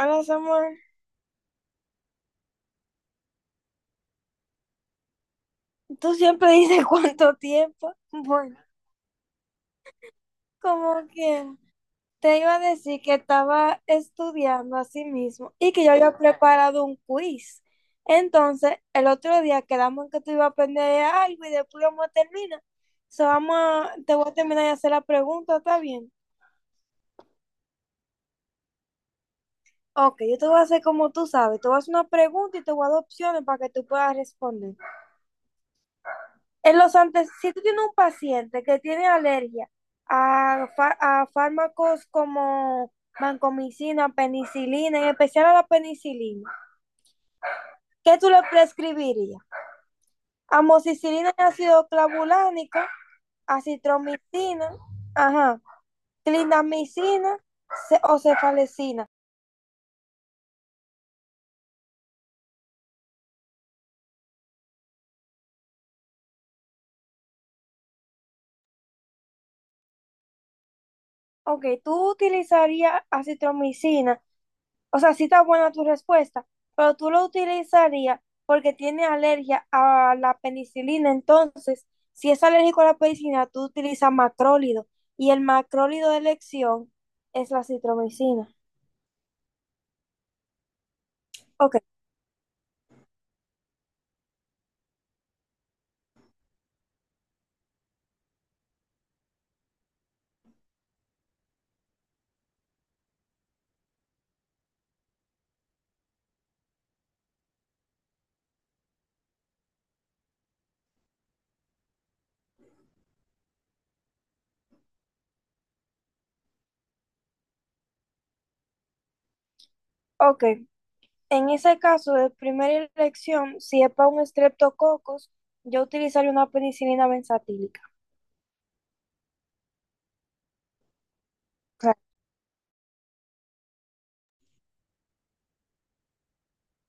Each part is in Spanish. Hola Samuel, tú siempre dices cuánto tiempo. Bueno, como que te iba a decir que estaba estudiando a sí mismo y que yo había preparado un quiz. Entonces, el otro día quedamos en que tú ibas a aprender algo y después vamos a terminar. So, te voy a terminar de hacer la pregunta, ¿está bien? Ok, yo te voy a hacer como tú sabes. Te voy a hacer una pregunta y te voy a dar opciones para que tú puedas responder. En los antes, si tú tienes un paciente que tiene alergia a fármacos como vancomicina, penicilina, en especial a la penicilina, ¿qué tú le prescribirías? Amoxicilina y ácido clavulánico, acitromicina, ajá, clindamicina o cefalecina. Ok, tú utilizarías acitromicina. O sea, sí está buena tu respuesta, pero tú lo utilizarías porque tiene alergia a la penicilina. Entonces, si es alérgico a la penicilina, tú utilizas macrólido. Y el macrólido de elección es la citromicina. Ok, ok. En ese caso de primera elección, si es para un streptococos, yo utilizaría una penicilina benzatílica. Claro.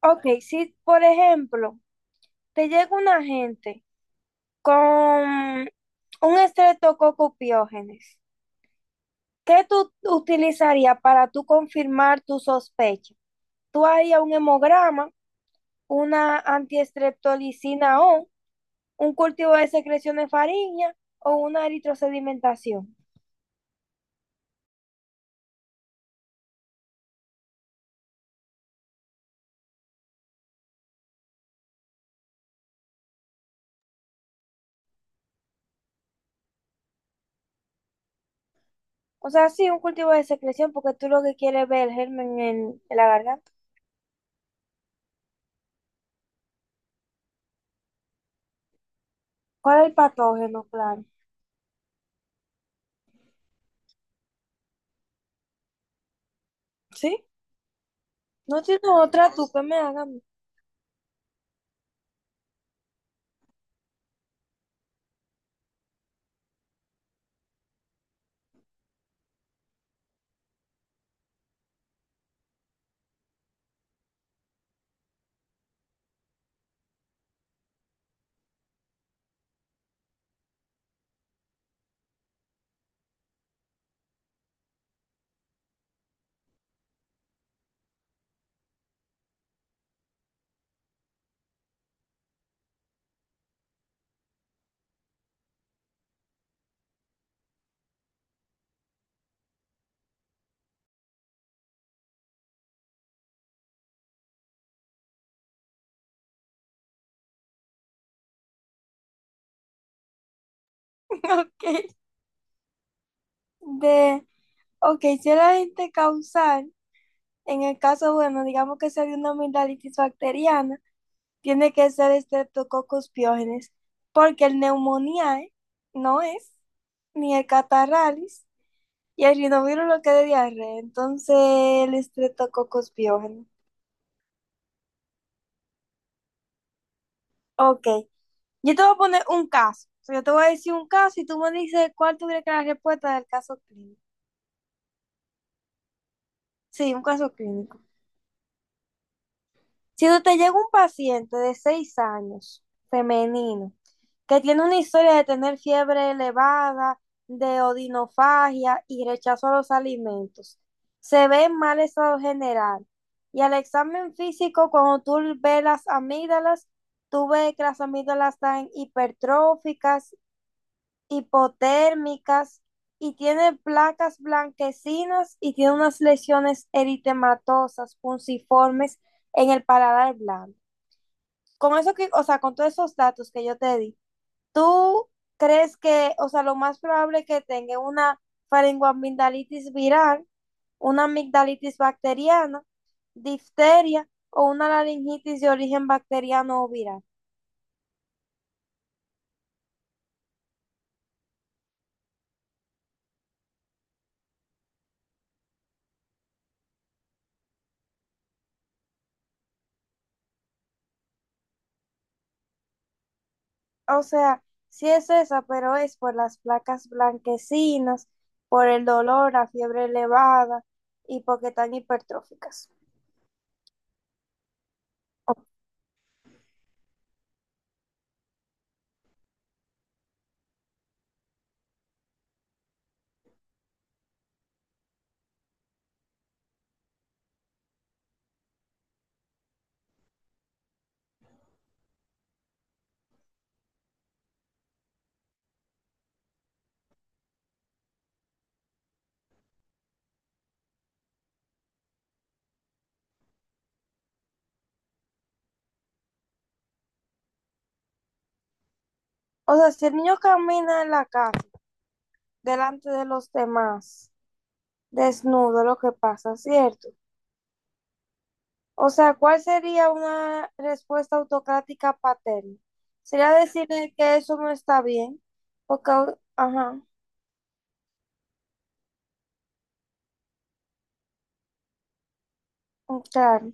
Ok, si por ejemplo te llega una gente con un estreptococo piógenes. ¿Qué tú utilizarías para tú confirmar tu sospecha? Tú harías un hemograma, una antiestreptolicina O, un cultivo de secreciones faríngea o una eritrosedimentación. O sea, sí, un cultivo de secreción porque tú lo que quieres es ver el germen en la garganta. ¿Cuál es el patógeno, claro? ¿Sí? No tiene otra tú que me hagan. Ok. De, ok, si era gente causal, en el caso, bueno, digamos que sea de una amigdalitis bacteriana, tiene que ser Streptococcus pyogenes, porque el Pneumoniae no es, ni el Catarralis, y el rinovirus lo que es de diarrea, entonces el Streptococcus pyogenes. Ok, yo te voy a poner un caso, o sea, yo te voy a decir un caso y tú me dices cuál tuviera que la respuesta del caso clínico. Sí, un caso clínico. Si tú te llega un paciente de 6 años, femenino, que tiene una historia de tener fiebre elevada, de odinofagia y rechazo a los alimentos, se ve en mal estado general. Y al examen físico, cuando tú ves las amígdalas, tú ves que las amígdalas están hipertróficas, hipotérmicas, y tiene placas blanquecinas y tiene unas lesiones eritematosas, punciformes en el paladar blanco. Con eso que, o sea, con todos esos datos que yo te di, ¿tú crees que, o sea, lo más probable es que tenga una faringoamigdalitis viral, una amigdalitis bacteriana, difteria o una laringitis de origen bacteriano o viral? O sea, sí es esa, pero es por las placas blanquecinas, por el dolor, la fiebre elevada y porque están hipertróficas. O sea, si el niño camina en la calle delante de los demás, desnudo lo que pasa, ¿cierto? O sea, ¿cuál sería una respuesta autocrática paterna? Sería decirle que eso no está bien, porque, ajá, claro.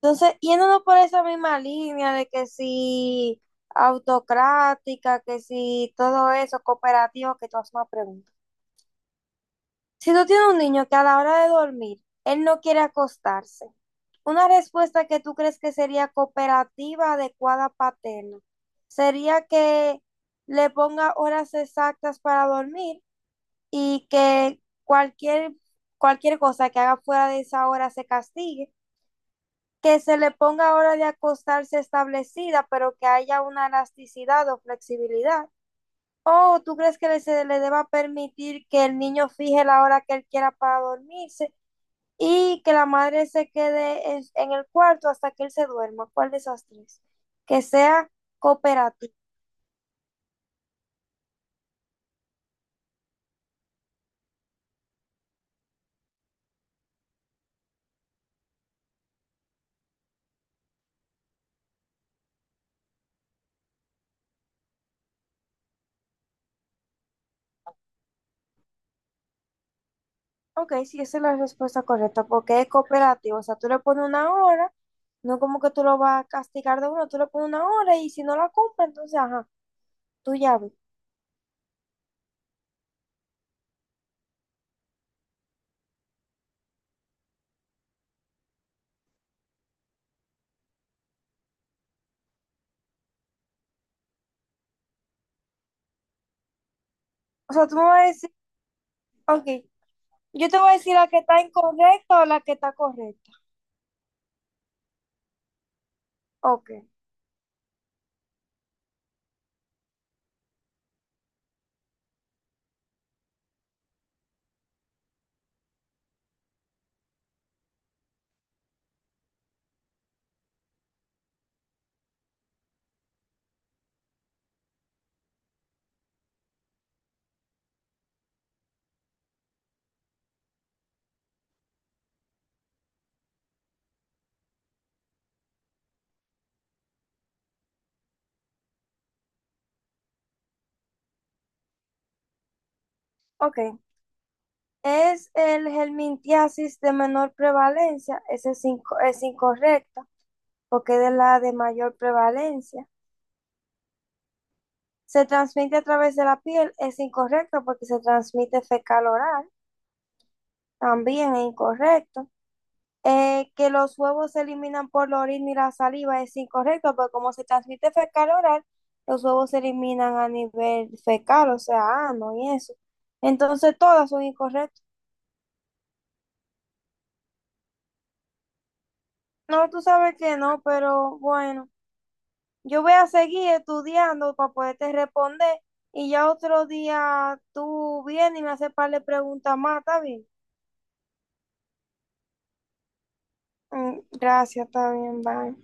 Entonces, yéndonos por esa misma línea de que si autocrática, que si todo eso, cooperativo, que tú haces una pregunta. Si tú tienes un niño que a la hora de dormir, él no quiere acostarse, una respuesta que tú crees que sería cooperativa, adecuada, paterna, sería que le ponga horas exactas para dormir y que cualquier, cualquier cosa que haga fuera de esa hora se castigue, que se le ponga hora de acostarse establecida, pero que haya una elasticidad o flexibilidad. ¿O tú crees que se le deba permitir que el niño fije la hora que él quiera para dormirse y que la madre se quede en el cuarto hasta que él se duerma? ¿Cuál de esas tres? Que sea cooperativo. Ok, sí, esa es la respuesta correcta, porque es cooperativo. O sea, tú le pones una hora, no como que tú lo vas a castigar de uno, tú le pones una hora y si no la cumple, entonces, ajá, tú ya ves. O sea, tú me vas a decir, ok, yo te voy a decir la que está incorrecta o la que está correcta. Ok, ok. Es el helmintiasis de menor prevalencia, ese es, es incorrecta, porque es de la de mayor prevalencia. Se transmite a través de la piel, es incorrecto porque se transmite fecal oral, también es incorrecto. Que los huevos se eliminan por la orina y la saliva es incorrecto, porque como se transmite fecal oral, los huevos se eliminan a nivel fecal, o sea, ano y eso. Entonces todas son incorrectas. No, tú sabes que no, pero bueno. Yo voy a seguir estudiando para poderte responder y ya otro día tú vienes y me haces par de preguntas más, ¿está bien? Mm, gracias, está bien, bye.